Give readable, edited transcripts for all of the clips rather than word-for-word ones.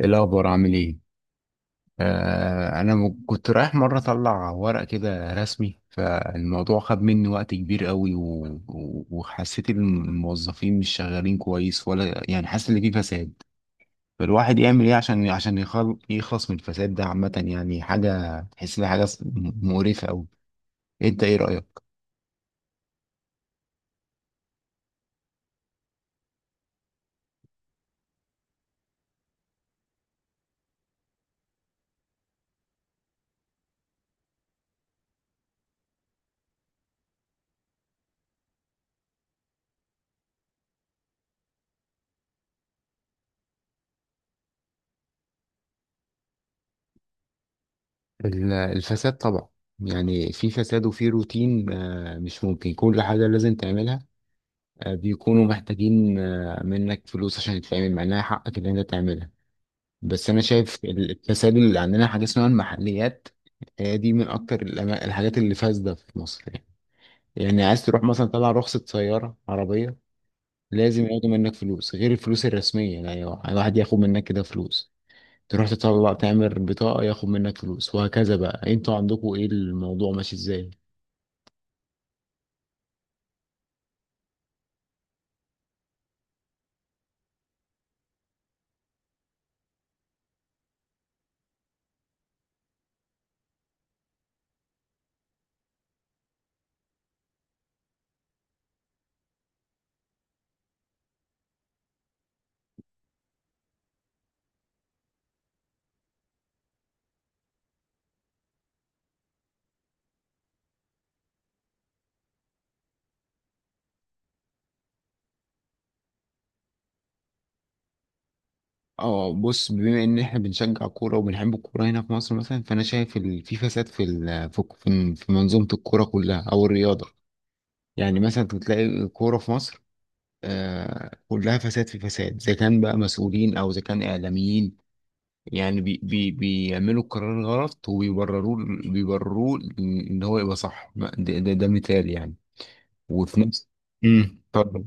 ايه الاخبار؟ عامل ايه؟ انا كنت رايح مره اطلع ورق كده رسمي، فالموضوع خد مني وقت كبير قوي و... و... وحسيت ان الموظفين مش شغالين كويس، ولا يعني حاسس ان في فساد. فالواحد يعمل ايه عشان يخلص من الفساد ده عامه، يعني حاجه تحس انها حاجه مقرفه قوي. انت ايه رايك؟ الفساد طبعا. يعني في فساد وفي روتين، مش ممكن كل حاجه لازم تعملها. بيكونوا محتاجين منك فلوس عشان يتعمل، مع انها حقك اللي انت تعملها. بس انا شايف التسلل اللي عندنا حاجه اسمها المحليات. هي دي من اكتر الحاجات اللي فاسده في مصر يعني. يعني عايز تروح مثلا طلع رخصه سياره عربيه، لازم ياخدوا منك فلوس غير الفلوس الرسميه، يعني الواحد ياخد منك كده فلوس. تروح تطلع تعمل بطاقه ياخد منك فلوس، وهكذا بقى. انتوا عندكم ايه، الموضوع ماشي ازاي؟ اه، بص، بما ان احنا بنشجع كوره وبنحب الكوره هنا في مصر مثلا، فانا شايف في فساد في ال- في في في منظومه الكوره كلها او الرياضه. يعني مثلا تلاقي الكوره في مصر كلها فساد في فساد، اذا كان بقى مسؤولين او اذا كان اعلاميين. يعني بي بي بيعملوا القرار غلط وبيبرروه. بيبرروه ان هو يبقى صح. ده مثال يعني. وفي نفس... اتفضل.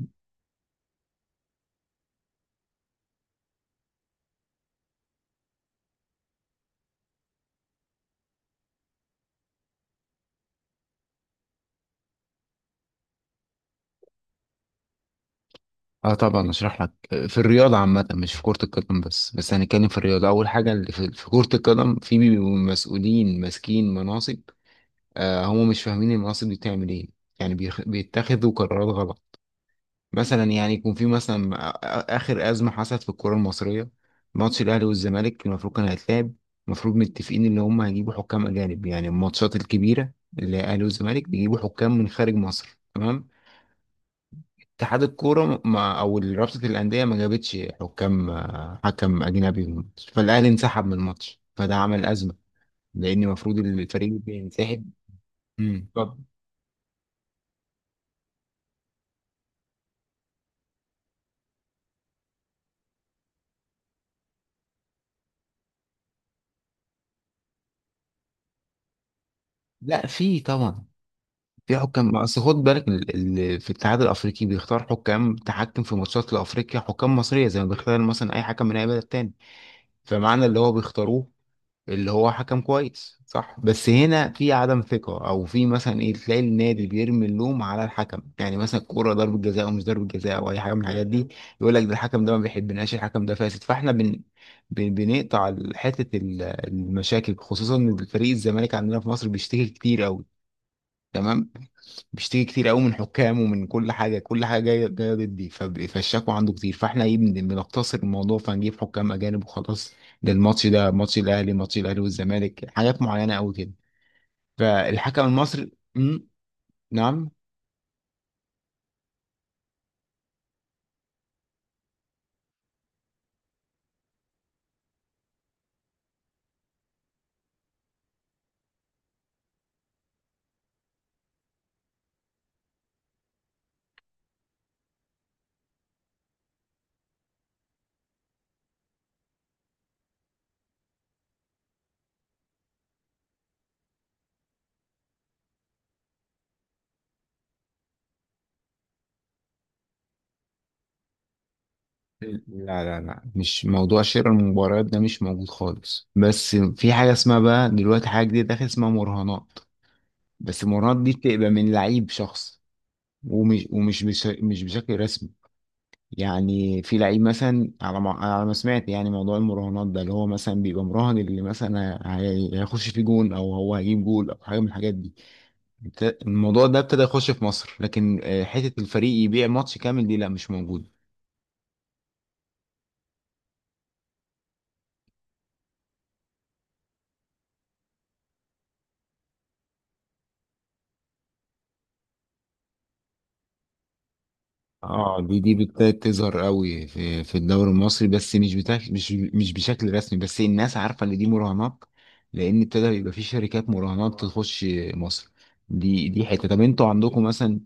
اه طبعا، اشرح لك. في الرياضه عامه، مش في كره القدم بس، هنتكلم في الرياضه. اول حاجه اللي في كره القدم، في بيبقوا مسؤولين ماسكين مناصب، هم مش فاهمين المناصب دي بتعمل ايه، يعني بيتخذوا قرارات غلط. مثلا يعني يكون في مثلا، اخر ازمه حصلت في الكره المصريه، ماتش الاهلي والزمالك، المفروض كان هيتلعب. المفروض متفقين ان هم هيجيبوا حكام اجانب، يعني الماتشات الكبيره، اللي هي الاهلي والزمالك، بيجيبوا حكام من خارج مصر، تمام. اتحاد الكورة ما، أو رابطة الأندية ما جابتش حكام، حكم أجنبي في الماتش، فالأهلي انسحب من الماتش، فده عمل أزمة، لأن المفروض الفريق اللي بينسحب... طب. لا، في طبعا. في حكام، أصل خد بالك، في الاتحاد الأفريقي بيختار حكام تحكم في ماتشات لأفريقيا، حكام مصرية، زي ما بيختار مثلا أي حكم من أي بلد تاني. فمعنى اللي هو بيختاروه اللي هو حكم كويس، صح؟ بس هنا في عدم ثقة، او في مثلا ايه، تلاقي النادي بيرمي اللوم على الحكم، يعني مثلا الكورة ضربة جزاء او مش ضربة جزاء او اي حاجة من الحاجات دي. يقول لك ده الحكم ده ما بيحبناش، الحكم ده فاسد. فاحنا بنقطع حتة المشاكل، خصوصا ان فريق الزمالك عندنا في مصر بيشتكي كتير قوي، تمام. بيشتكي كتير قوي من حكام ومن كل حاجه، كل حاجه جايه جايه ضدي، فالشكوى عنده كتير. فاحنا ايه، بنقتصر الموضوع فنجيب حكام اجانب وخلاص. ده الماتش، ده ماتش الاهلي ماتش الاهلي والزمالك، حاجات معينه قوي كده. فالحكم المصري نعم. لا، لا، لا، مش موضوع شراء المباريات ده، مش موجود خالص. بس في حاجه اسمها بقى دلوقتي، حاجه جديده داخل اسمها مراهنات. بس المراهنات دي بتبقى من لعيب شخص، ومش مش بشكل رسمي. يعني في لعيب مثلا، على ما سمعت، يعني موضوع المراهنات ده، اللي هو مثلا بيبقى مراهن اللي مثلا هيخش في جون، او هو هيجيب جول، او حاجه من الحاجات دي. الموضوع ده ابتدى يخش في مصر، لكن حته الفريق يبيع ماتش كامل، دي لا، مش موجوده. اه، دي ابتدت تظهر قوي في الدوري المصري، بس مش بتاك، مش بشكل رسمي، بس الناس عارفه ان دي مراهنات. لان ابتدى يبقى في شركات مراهنات تخش مصر. دي حته. طب انتوا عندكم مثلا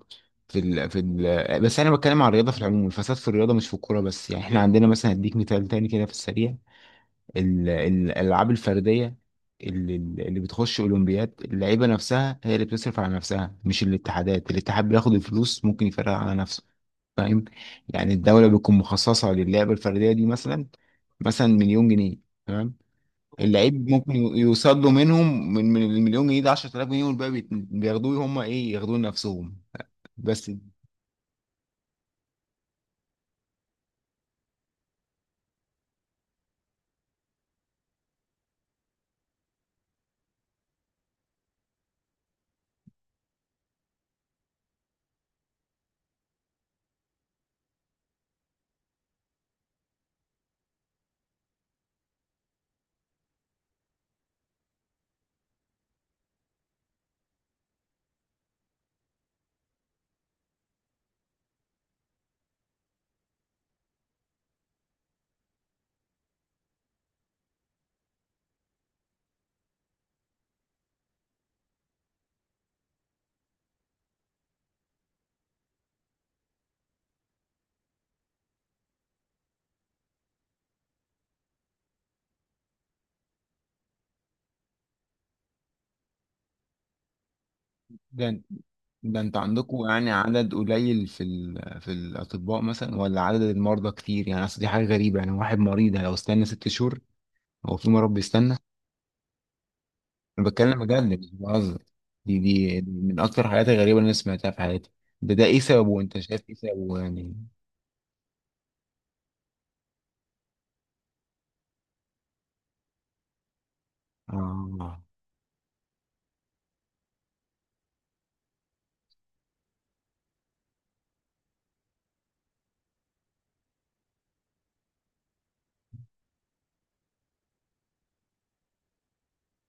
بس انا بتكلم على الرياضه في العموم، الفساد في الرياضه مش في الكوره بس، يعني احنا عندنا مثلا هديك مثال تاني كده في السريع. الالعاب الفرديه اللي بتخش اولمبياد، اللعيبه نفسها هي اللي بتصرف على نفسها، مش الاتحادات. الاتحاد بياخد الفلوس ممكن يفرقها على نفسه، فاهم؟ يعني الدوله بتكون مخصصه للعبه الفرديه دي مثلا، مثلا 1,000,000 جنيه، تمام. اللعيب ممكن يوصل له منهم، من ال1,000,000 جنيه ده، 10,000 جنيه، والباقي بياخدوه هم ايه، ياخدوه لنفسهم بس. ده ده انت عندكم، يعني عدد قليل في الاطباء مثلا، ولا عدد المرضى كتير؟ يعني اصل دي حاجه غريبه، يعني واحد مريض لو استنى 6 شهور؟ هو في مرض بيستنى؟ انا بتكلم بجد، مش بهزر. دي من اكتر الحاجات الغريبه اللي انا سمعتها في حياتي. ده ايه سببه؟ انت شايف ايه سببه يعني؟ اه.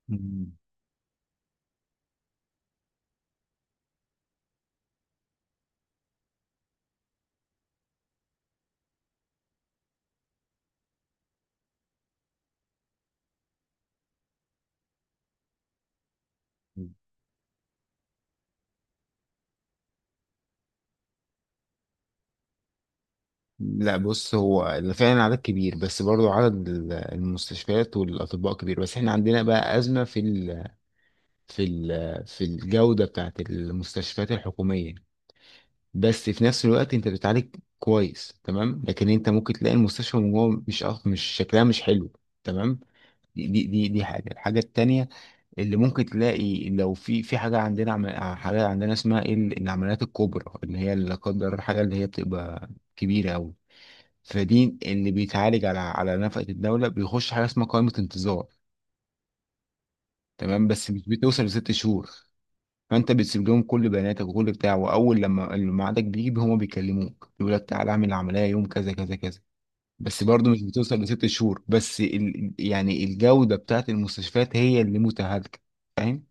مم. لا، بص، هو فعلا عدد كبير، بس برضو عدد المستشفيات والاطباء كبير، بس احنا عندنا بقى ازمه في في الجودة بتاعت المستشفيات الحكومية. بس في نفس الوقت انت بتعالج كويس، تمام، لكن انت ممكن تلاقي المستشفى من جوه مش، مش شكلها مش حلو، تمام. دي الحاجة التانية اللي ممكن تلاقي. لو في حاجة عندنا، حاجة عندنا اسمها ايه، العمليات الكبرى، اللي هي لا قدر الله، حاجة اللي هي بتبقى كبيرة أوي، فدي اللي بيتعالج على نفقة الدولة. بيخش حاجة اسمها قائمة انتظار، تمام. بس مش بتوصل لست شهور. فانت بتسيب لهم كل بياناتك وكل بتاع، واول لما الميعادك بيجي هما بيكلموك، يقول لك تعالى اعمل العمليه يوم كذا كذا كذا. بس برضه مش بتوصل لست شهور، بس يعني الجوده بتاعت المستشفيات هي اللي متهالكه، فاهم.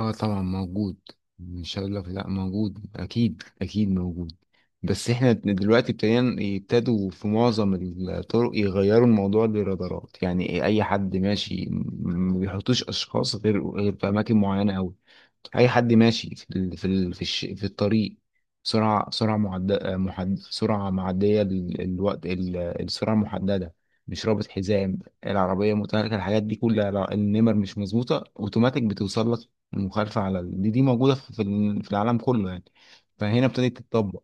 اه طبعا موجود. ان شاء الله لا، موجود، اكيد اكيد موجود. بس احنا دلوقتي ابتدينا يبتدوا في معظم الطرق يغيروا الموضوع للرادارات. يعني اي حد ماشي، ما بيحطوش اشخاص غير، في اماكن معينه قوي. اي حد ماشي في ال... في ال... في, الش... في الطريق، سرعه معديه الوقت، السرعه المحدده، مش رابط حزام، العربيه متهالكه، الحاجات دي كلها، لا، النمر مش مظبوطه، اوتوماتيك بتوصل لك المخالفه على دي، موجوده في في العالم كله يعني، فهنا ابتدت تتطبق.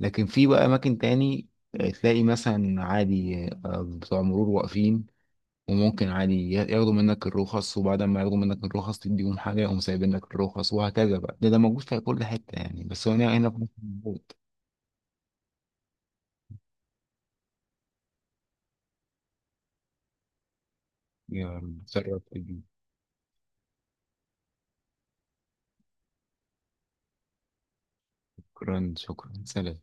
لكن في بقى اماكن تاني، تلاقي مثلا عادي بتوع مرور واقفين، وممكن عادي ياخدوا منك الرخص، وبعد ما ياخدوا منك الرخص تديهم حاجة، يقوم سايبين لك الرخص، وهكذا بقى. ده موجود في كل حتة يعني، بس هو هنا في مصر موجود. يا متشرف بيك. شكرا، شكرا، سلام.